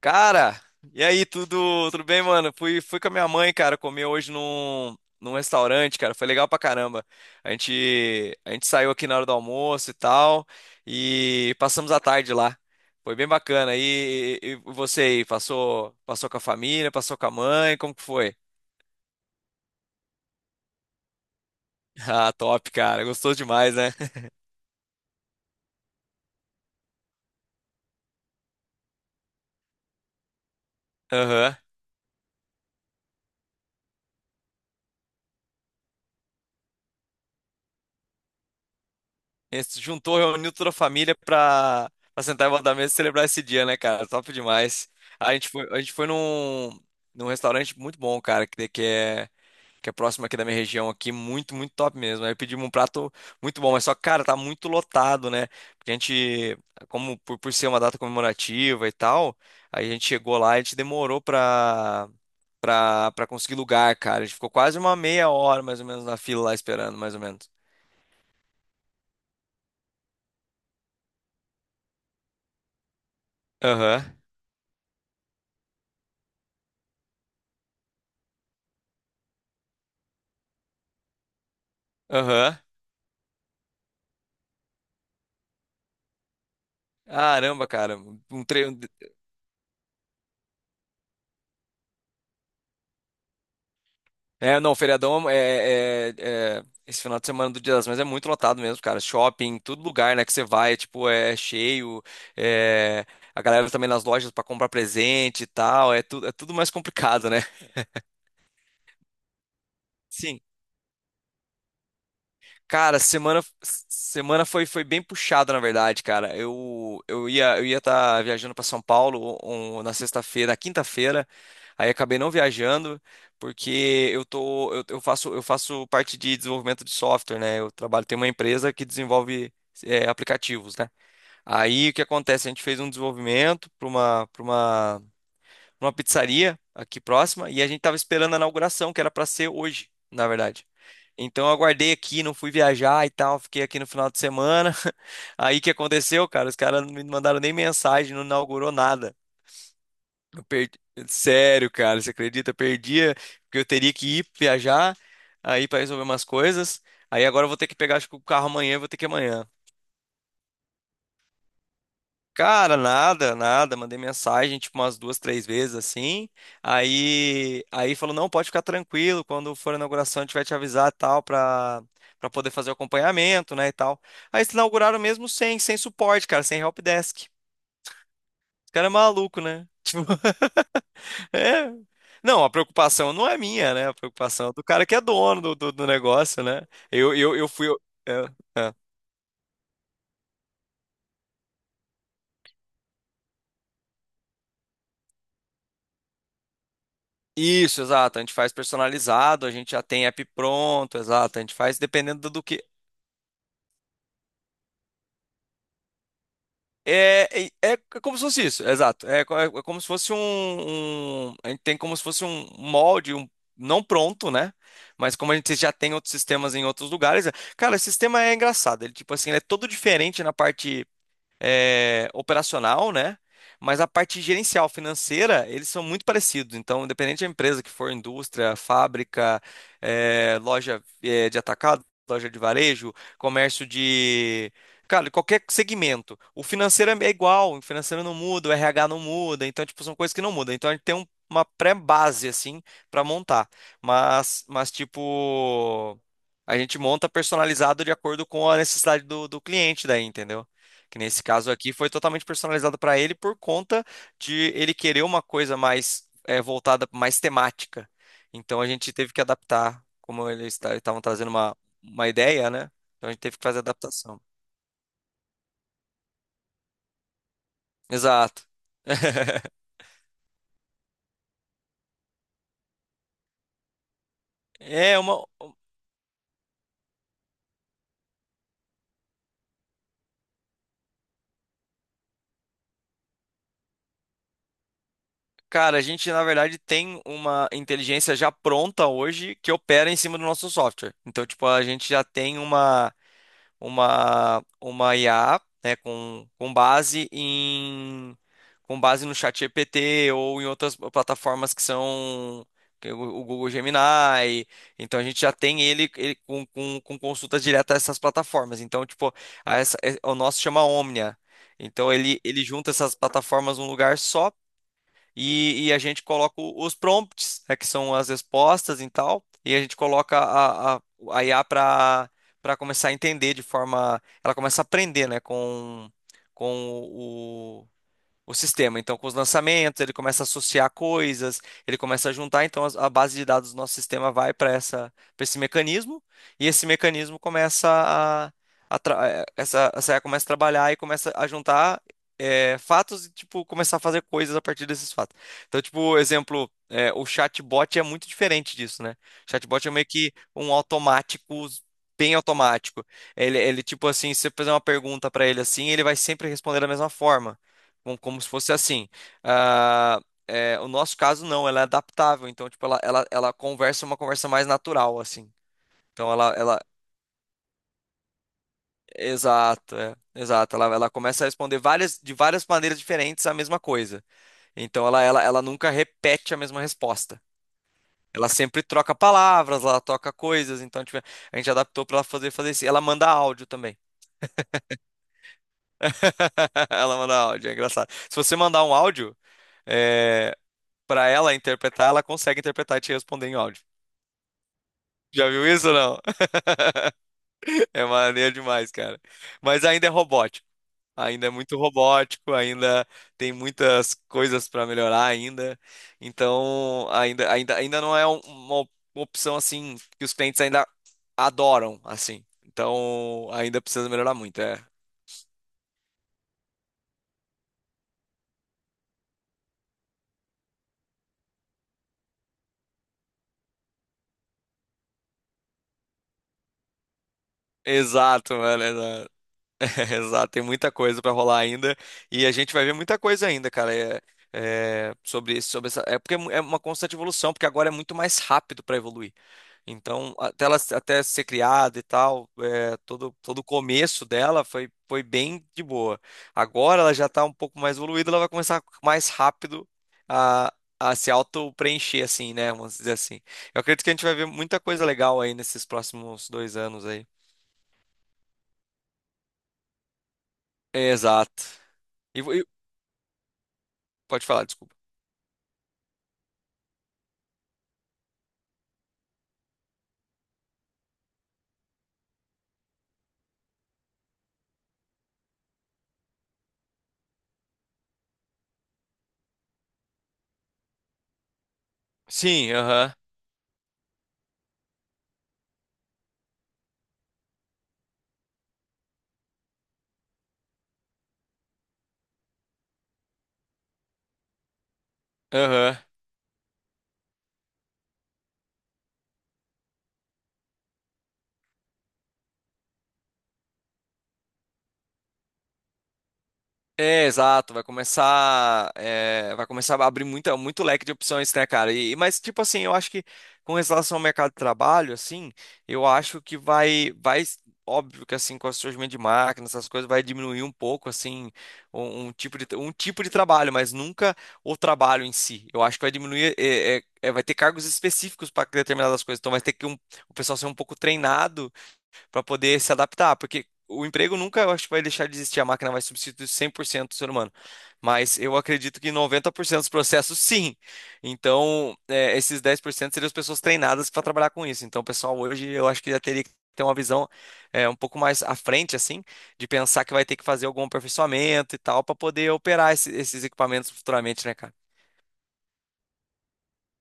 Cara, e aí, tudo bem, mano? Fui com a minha mãe, cara, comer hoje num restaurante, cara. Foi legal pra caramba. A gente saiu aqui na hora do almoço e tal, e passamos a tarde lá. Foi bem bacana. E você aí, passou com a família, passou com a mãe, como que foi? Ah, top, cara. Gostou demais, né? Aham. Juntou, reuniu toda a família pra sentar em volta da mesa e celebrar esse dia, né, cara? Top demais. A gente foi num restaurante muito bom, cara, que é próximo aqui da minha região aqui, muito top mesmo. Aí pedimos um prato muito bom, mas só, que, cara, tá muito lotado, né? Porque a gente, como por ser uma data comemorativa e tal, aí a gente chegou lá e a gente demorou pra conseguir lugar, cara. A gente ficou quase uma meia hora, mais ou menos, na fila lá esperando, mais ou menos. Aham, aham. Caramba, cara. Um treino. É, não, feriadão é. Esse final de semana do Dia das Mães é muito lotado mesmo, cara. Shopping, todo lugar, né, que você vai, é, tipo, é cheio. É, a galera também nas lojas pra comprar presente e tal. É, tu... é tudo mais complicado, né? Sim. Cara, semana foi, foi bem puxada, na verdade, cara. Eu ia estar viajando para São Paulo na sexta-feira, na quinta-feira. Aí acabei não viajando, porque eu tô, eu faço parte de desenvolvimento de software, né? Eu trabalho, tem uma empresa que desenvolve aplicativos, né? Aí o que acontece? A gente fez um desenvolvimento para uma numa pizzaria aqui próxima e a gente tava esperando a inauguração, que era para ser hoje, na verdade. Então eu aguardei aqui, não fui viajar e tal, fiquei aqui no final de semana. Aí o que aconteceu, cara? Os caras não me mandaram nem mensagem, não inaugurou nada. Eu perdi... Sério, cara, você acredita? Eu perdia, porque eu teria que ir viajar aí para resolver umas coisas. Aí agora eu vou ter que pegar, acho que o carro amanhã, eu vou ter que ir amanhã. Cara, nada, nada. Mandei mensagem, tipo, umas duas, três vezes assim. Aí falou: não, pode ficar tranquilo, quando for a inauguração a gente vai te avisar e tal, pra poder fazer o acompanhamento, né, e tal. Aí eles inauguraram mesmo sem suporte, cara, sem helpdesk. Esse cara é maluco, né? Tipo, é. Não, a preocupação não é minha, né? A preocupação é do cara que é dono do negócio, né? Eu fui. É, é. Isso, exato. A gente faz personalizado, a gente já tem app pronto, exato. A gente faz dependendo do que. É como se fosse isso, exato. É, é como se fosse A gente tem como se fosse um molde, um, não pronto, né? Mas como a gente já tem outros sistemas em outros lugares. Cara, esse sistema é engraçado. Ele, tipo assim, ele é todo diferente na parte operacional, né? Mas a parte gerencial, financeira, eles são muito parecidos. Então, independente da empresa que for, indústria, fábrica, é, loja, é, de atacado, loja de varejo, comércio de. Cara, qualquer segmento. O financeiro é igual, o financeiro não muda, o RH não muda. Então, tipo, são coisas que não mudam. Então, a gente tem uma pré-base, assim, para montar. Tipo. A gente monta personalizado de acordo com a necessidade do cliente daí, entendeu? Que nesse caso aqui foi totalmente personalizado para ele por conta de ele querer uma coisa mais voltada, mais temática. Então a gente teve que adaptar, como eles estavam trazendo uma ideia, né? Então a gente teve que fazer adaptação. Exato. É uma. Cara, a gente na verdade tem uma inteligência já pronta hoje que opera em cima do nosso software. Então, tipo, a gente já tem uma IA, né, com base em com base no chat GPT ou em outras plataformas que são que é o Google Gemini. Então a gente já tem ele, ele com consulta direta a essas plataformas. Então, tipo, a essa, o nosso chama Omnia. Então ele junta essas plataformas num lugar só e a gente coloca os prompts, né, que são as respostas e tal, e a gente coloca a IA para começar a entender de forma, ela começa a aprender, né, com o sistema. Então, com os lançamentos, ele começa a associar coisas, ele começa a juntar, então a base de dados do nosso sistema vai para essa, para esse mecanismo, e esse mecanismo começa a, essa IA começa a trabalhar e começa a juntar fatos e tipo começar a fazer coisas a partir desses fatos. Então, tipo, exemplo, o chatbot é muito diferente disso, né? O chatbot é meio que um automático bem automático. Ele tipo assim, se você fizer uma pergunta para ele assim, ele vai sempre responder da mesma forma como se fosse assim. Ah, é, o nosso caso não, ela é adaptável, então tipo ela conversa uma conversa mais natural assim. Então ela exato, é, exato, ela começa a responder várias de várias maneiras diferentes a mesma coisa. Então ela nunca repete a mesma resposta. Ela sempre troca palavras, ela troca coisas, então tipo, a gente adaptou para ela fazer isso. Ela manda áudio também. Ela manda áudio, é engraçado. Se você mandar um áudio, é, para ela interpretar, ela consegue interpretar e te responder em áudio. Já viu isso ou não? É maneiro demais, cara. Mas ainda é robótico. Ainda é muito robótico, ainda tem muitas coisas para melhorar ainda. Então, ainda não é uma opção assim que os clientes ainda adoram, assim. Então, ainda precisa melhorar muito, é. Exato, mano. Exato, Exato, tem muita coisa para rolar ainda e a gente vai ver muita coisa ainda, cara. É, sobre isso, sobre essa, é porque é uma constante evolução, porque agora é muito mais rápido para evoluir. Então, até ela até ser criada e tal, é, todo o começo dela foi, foi bem de boa. Agora ela já está um pouco mais evoluída, ela vai começar mais rápido a, a se auto-preencher, assim, né? Vamos dizer assim. Eu acredito que a gente vai ver muita coisa legal aí nesses próximos dois anos aí. Exato. E, vo- e- pode falar, desculpa. Sim, aham, aham. É, exato, vai começar, é, vai começar a abrir muita, muito leque de opções, né, cara? E, mas, tipo assim, eu acho que com relação ao mercado de trabalho, assim, eu acho que vai, óbvio que assim, com o surgimento de máquinas, essas coisas, vai diminuir um pouco, assim, um tipo de trabalho, mas nunca o trabalho em si. Eu acho que vai diminuir, é, vai ter cargos específicos para determinadas coisas, então vai ter que o pessoal ser um pouco treinado para poder se adaptar, porque o emprego nunca, eu acho que vai deixar de existir, a máquina vai substituir 100% do ser humano. Mas eu acredito que 90% dos processos, sim. Então, é, esses 10% seriam as pessoas treinadas para trabalhar com isso. Então, pessoal, hoje eu acho que já teria que ter uma visão um pouco mais à frente, assim, de pensar que vai ter que fazer algum aperfeiçoamento e tal, para poder operar esses equipamentos futuramente, né, cara?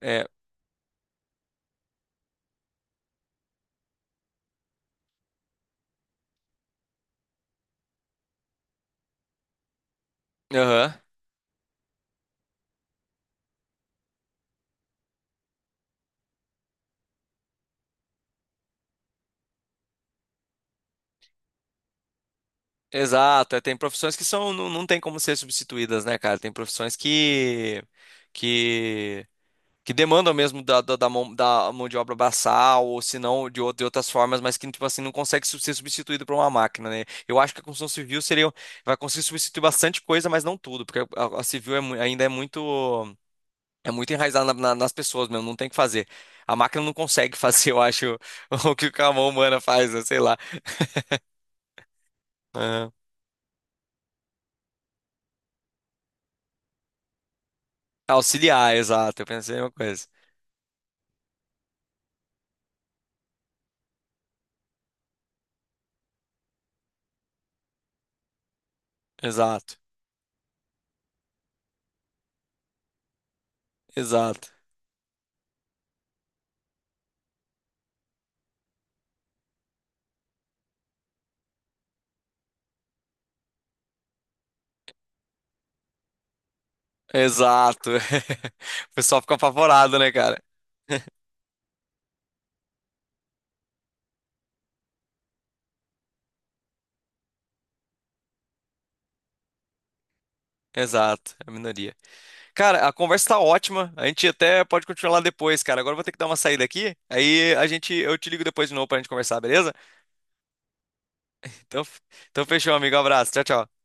É, aham. Exato, é, tem profissões que são, não, não tem como ser substituídas, né, cara? Tem profissões que, que demandam mesmo da mão de obra braçal, ou se não, de, de outras formas, mas que, tipo assim, não consegue ser substituído por uma máquina, né? Eu acho que a construção civil seria, vai conseguir substituir bastante coisa, mas não tudo, porque a, ainda é muito enraizada nas pessoas mesmo, não tem o que fazer. A máquina não consegue fazer, eu acho, o que a mão humana faz, né? Sei lá. Aham. Auxiliar, exato, eu pensei a mesma coisa. Exato, exato, exato. O pessoal fica apavorado, né, cara? Exato, é a minoria. Cara, a conversa tá ótima. A gente até pode continuar lá depois, cara. Agora eu vou ter que dar uma saída aqui. Aí a gente, eu te ligo depois de novo pra gente conversar, beleza? Então, então fechou, amigo. Abraço. Tchau, tchau.